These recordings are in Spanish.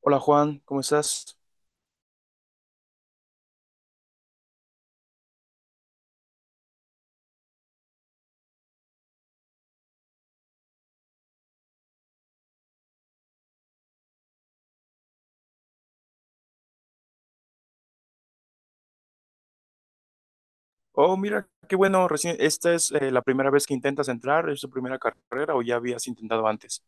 Hola Juan, ¿cómo estás? Oh, mira, qué bueno, recién, esta es la primera vez que intentas entrar, ¿es tu primera carrera o ya habías intentado antes?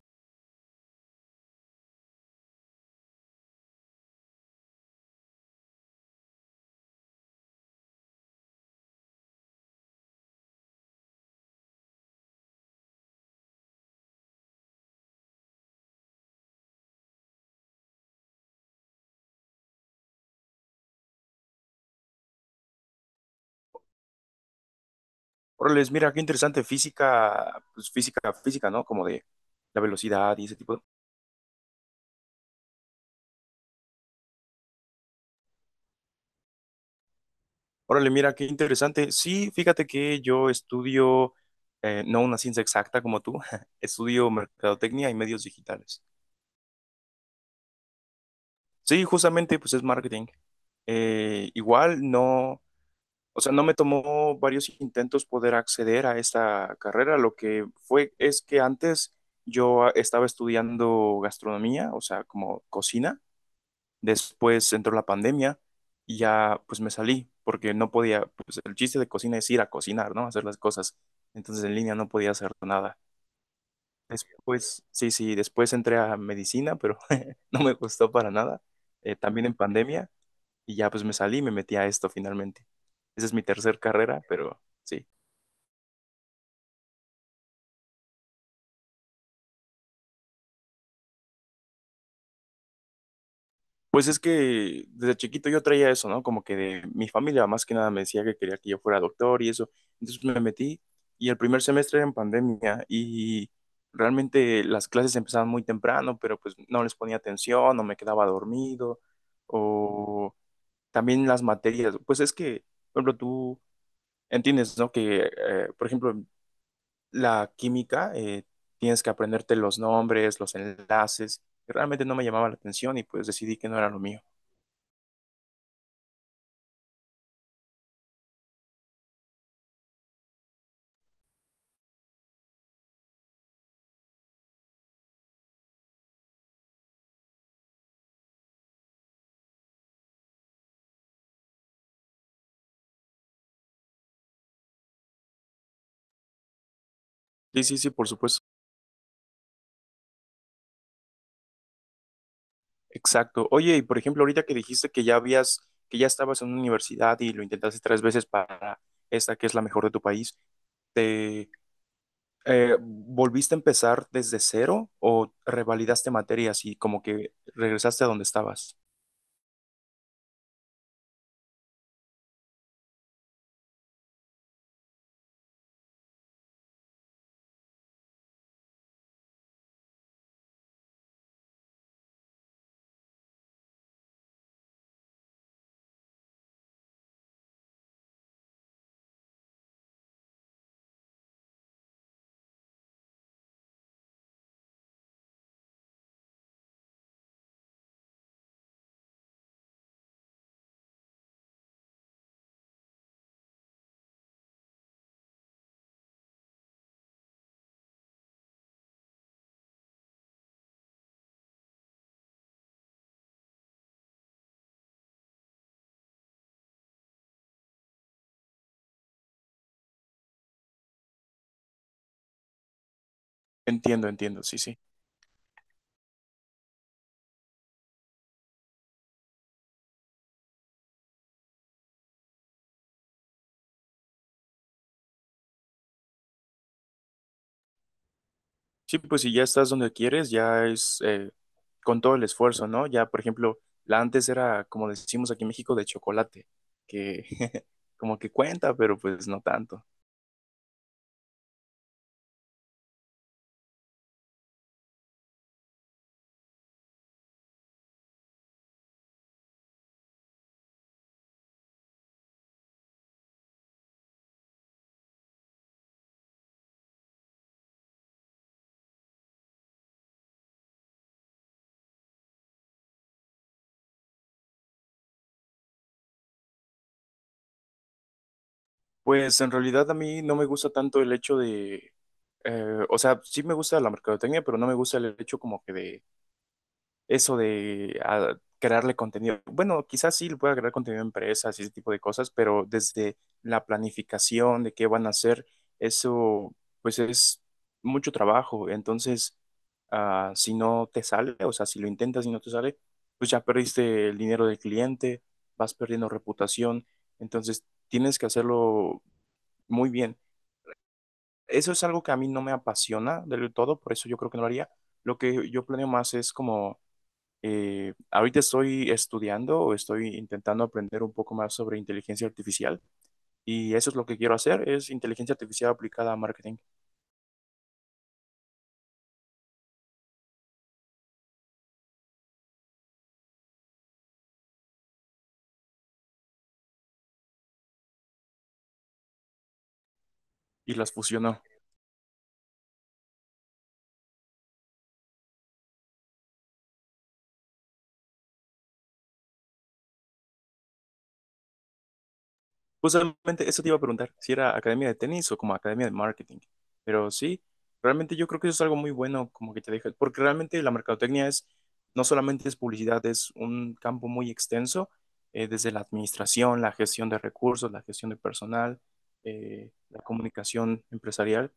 Órale, mira, qué interesante, física, pues física, ¿no? Como de la velocidad y ese tipo de... Órale, mira, qué interesante. Sí, fíjate que yo estudio, no una ciencia exacta como tú, estudio mercadotecnia y medios digitales. Sí, justamente, pues es marketing. Igual, no... O sea, no me tomó varios intentos poder acceder a esta carrera. Lo que fue es que antes yo estaba estudiando gastronomía, o sea, como cocina. Después entró la pandemia y ya pues me salí porque no podía, pues el chiste de cocina es ir a cocinar, ¿no? Hacer las cosas. Entonces en línea no podía hacer nada. Después, sí, después entré a medicina, pero no me gustó para nada. También en pandemia. Y ya pues me salí y me metí a esto finalmente. Esa es mi tercer carrera, pero sí. Pues es que desde chiquito yo traía eso, ¿no? Como que de mi familia más que nada me decía que quería que yo fuera doctor y eso. Entonces me metí y el primer semestre era en pandemia y realmente las clases empezaban muy temprano, pero pues no les ponía atención o me quedaba dormido o también las materias. Pues es que, por ejemplo, tú entiendes, ¿no? Que, por ejemplo, la química, tienes que aprenderte los nombres, los enlaces. Realmente no me llamaba la atención y pues decidí que no era lo mío. Sí, sí, sí, por supuesto. Exacto. Oye, y por ejemplo, ahorita que dijiste que ya habías, que ya estabas en una universidad y lo intentaste tres veces para esta que es la mejor de tu país, ¿te volviste a empezar desde cero o revalidaste materias y como que regresaste a donde estabas? Entiendo, entiendo, sí, sí. Sí, pues si ya estás donde quieres, ya es con todo el esfuerzo, ¿no? Ya, por ejemplo, la antes era, como decimos aquí en México, de chocolate, que como que cuenta, pero pues no tanto. Pues en realidad a mí no me gusta tanto el hecho de, o sea, sí me gusta la mercadotecnia, pero no me gusta el hecho como que de eso de ah, crearle contenido. Bueno, quizás sí le pueda crear contenido a empresas y ese tipo de cosas, pero desde la planificación de qué van a hacer, eso pues es mucho trabajo. Entonces, ah, si no te sale, o sea, si lo intentas y no te sale, pues ya perdiste el dinero del cliente, vas perdiendo reputación. Entonces, tienes que hacerlo muy bien. Eso es algo que a mí no me apasiona del todo, por eso yo creo que no lo haría. Lo que yo planeo más es como ahorita estoy estudiando o estoy intentando aprender un poco más sobre inteligencia artificial y eso es lo que quiero hacer, es inteligencia artificial aplicada a marketing y las fusiono. Justamente eso te iba a preguntar, si era academia de tenis o como academia de marketing. Pero sí, realmente yo creo que eso es algo muy bueno, como que te deja, porque realmente la mercadotecnia es, no solamente es publicidad, es un campo muy extenso, desde la administración, la gestión de recursos, la gestión de personal, la comunicación empresarial.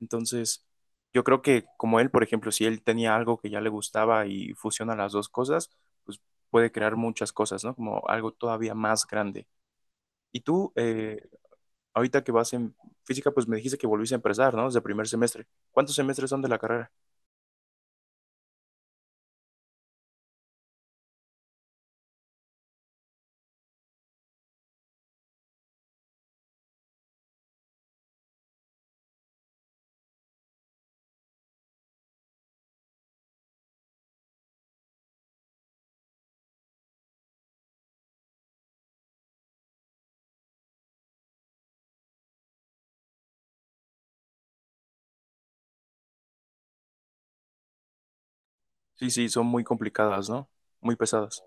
Entonces, yo creo que como él, por ejemplo, si él tenía algo que ya le gustaba y fusiona las dos cosas, pues puede crear muchas cosas, ¿no? Como algo todavía más grande. ¿Y tú, ahorita que vas en física, pues me dijiste que volviste a empezar, ¿no? Desde primer semestre. ¿Cuántos semestres son de la carrera? Sí, sí, son muy complicadas, ¿no? Muy pesadas.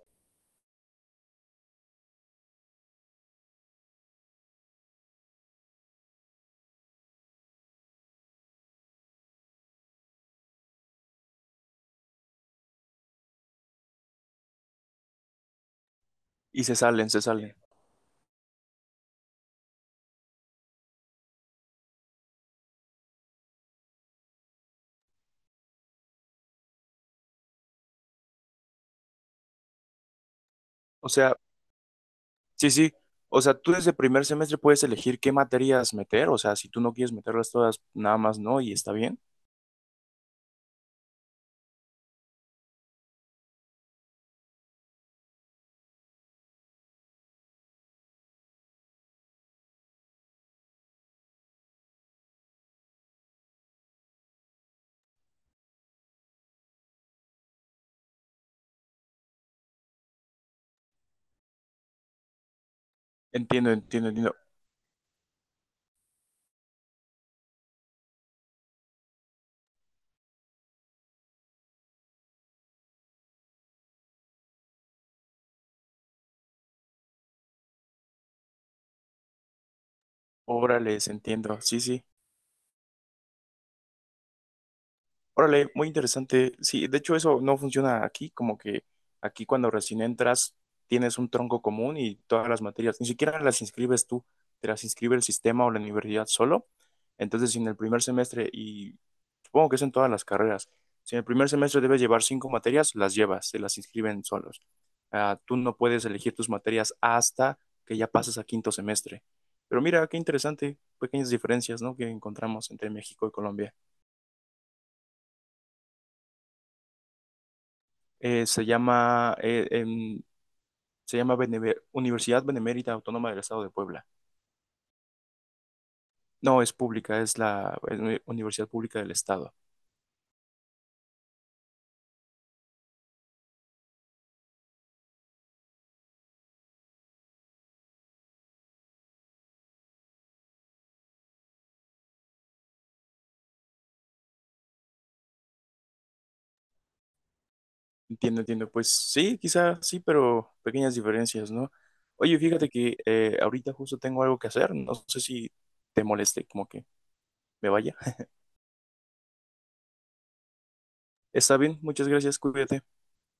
Y se salen. O sea, sí, sí. O sea, tú desde primer semestre puedes elegir qué materias meter. O sea, si tú no quieres meterlas todas, nada más no, y está bien. Entiendo, entiendo, entiendo. Órales, entiendo. Sí, sí. Órale, muy interesante. Sí, de hecho eso no funciona aquí, como que aquí cuando recién entras tienes un tronco común y todas las materias, ni siquiera las inscribes tú, te las inscribe el sistema o la universidad solo. Entonces, si en el primer semestre, y supongo que es en todas las carreras, si en el primer semestre debes llevar cinco materias, las llevas, se las inscriben solos. Ah, tú no puedes elegir tus materias hasta que ya pases a quinto semestre. Pero mira, qué interesante, pequeñas diferencias, ¿no? Que encontramos entre México y Colombia. Se llama, se llama Beneve- Universidad Benemérita Autónoma del Estado de Puebla. No, es pública, es la es una Universidad Pública del Estado. Entiendo, entiendo. Pues sí, quizás sí, pero pequeñas diferencias, ¿no? Oye, fíjate que ahorita justo tengo algo que hacer. No sé si te moleste, como que me vaya. Está bien, muchas gracias, cuídate.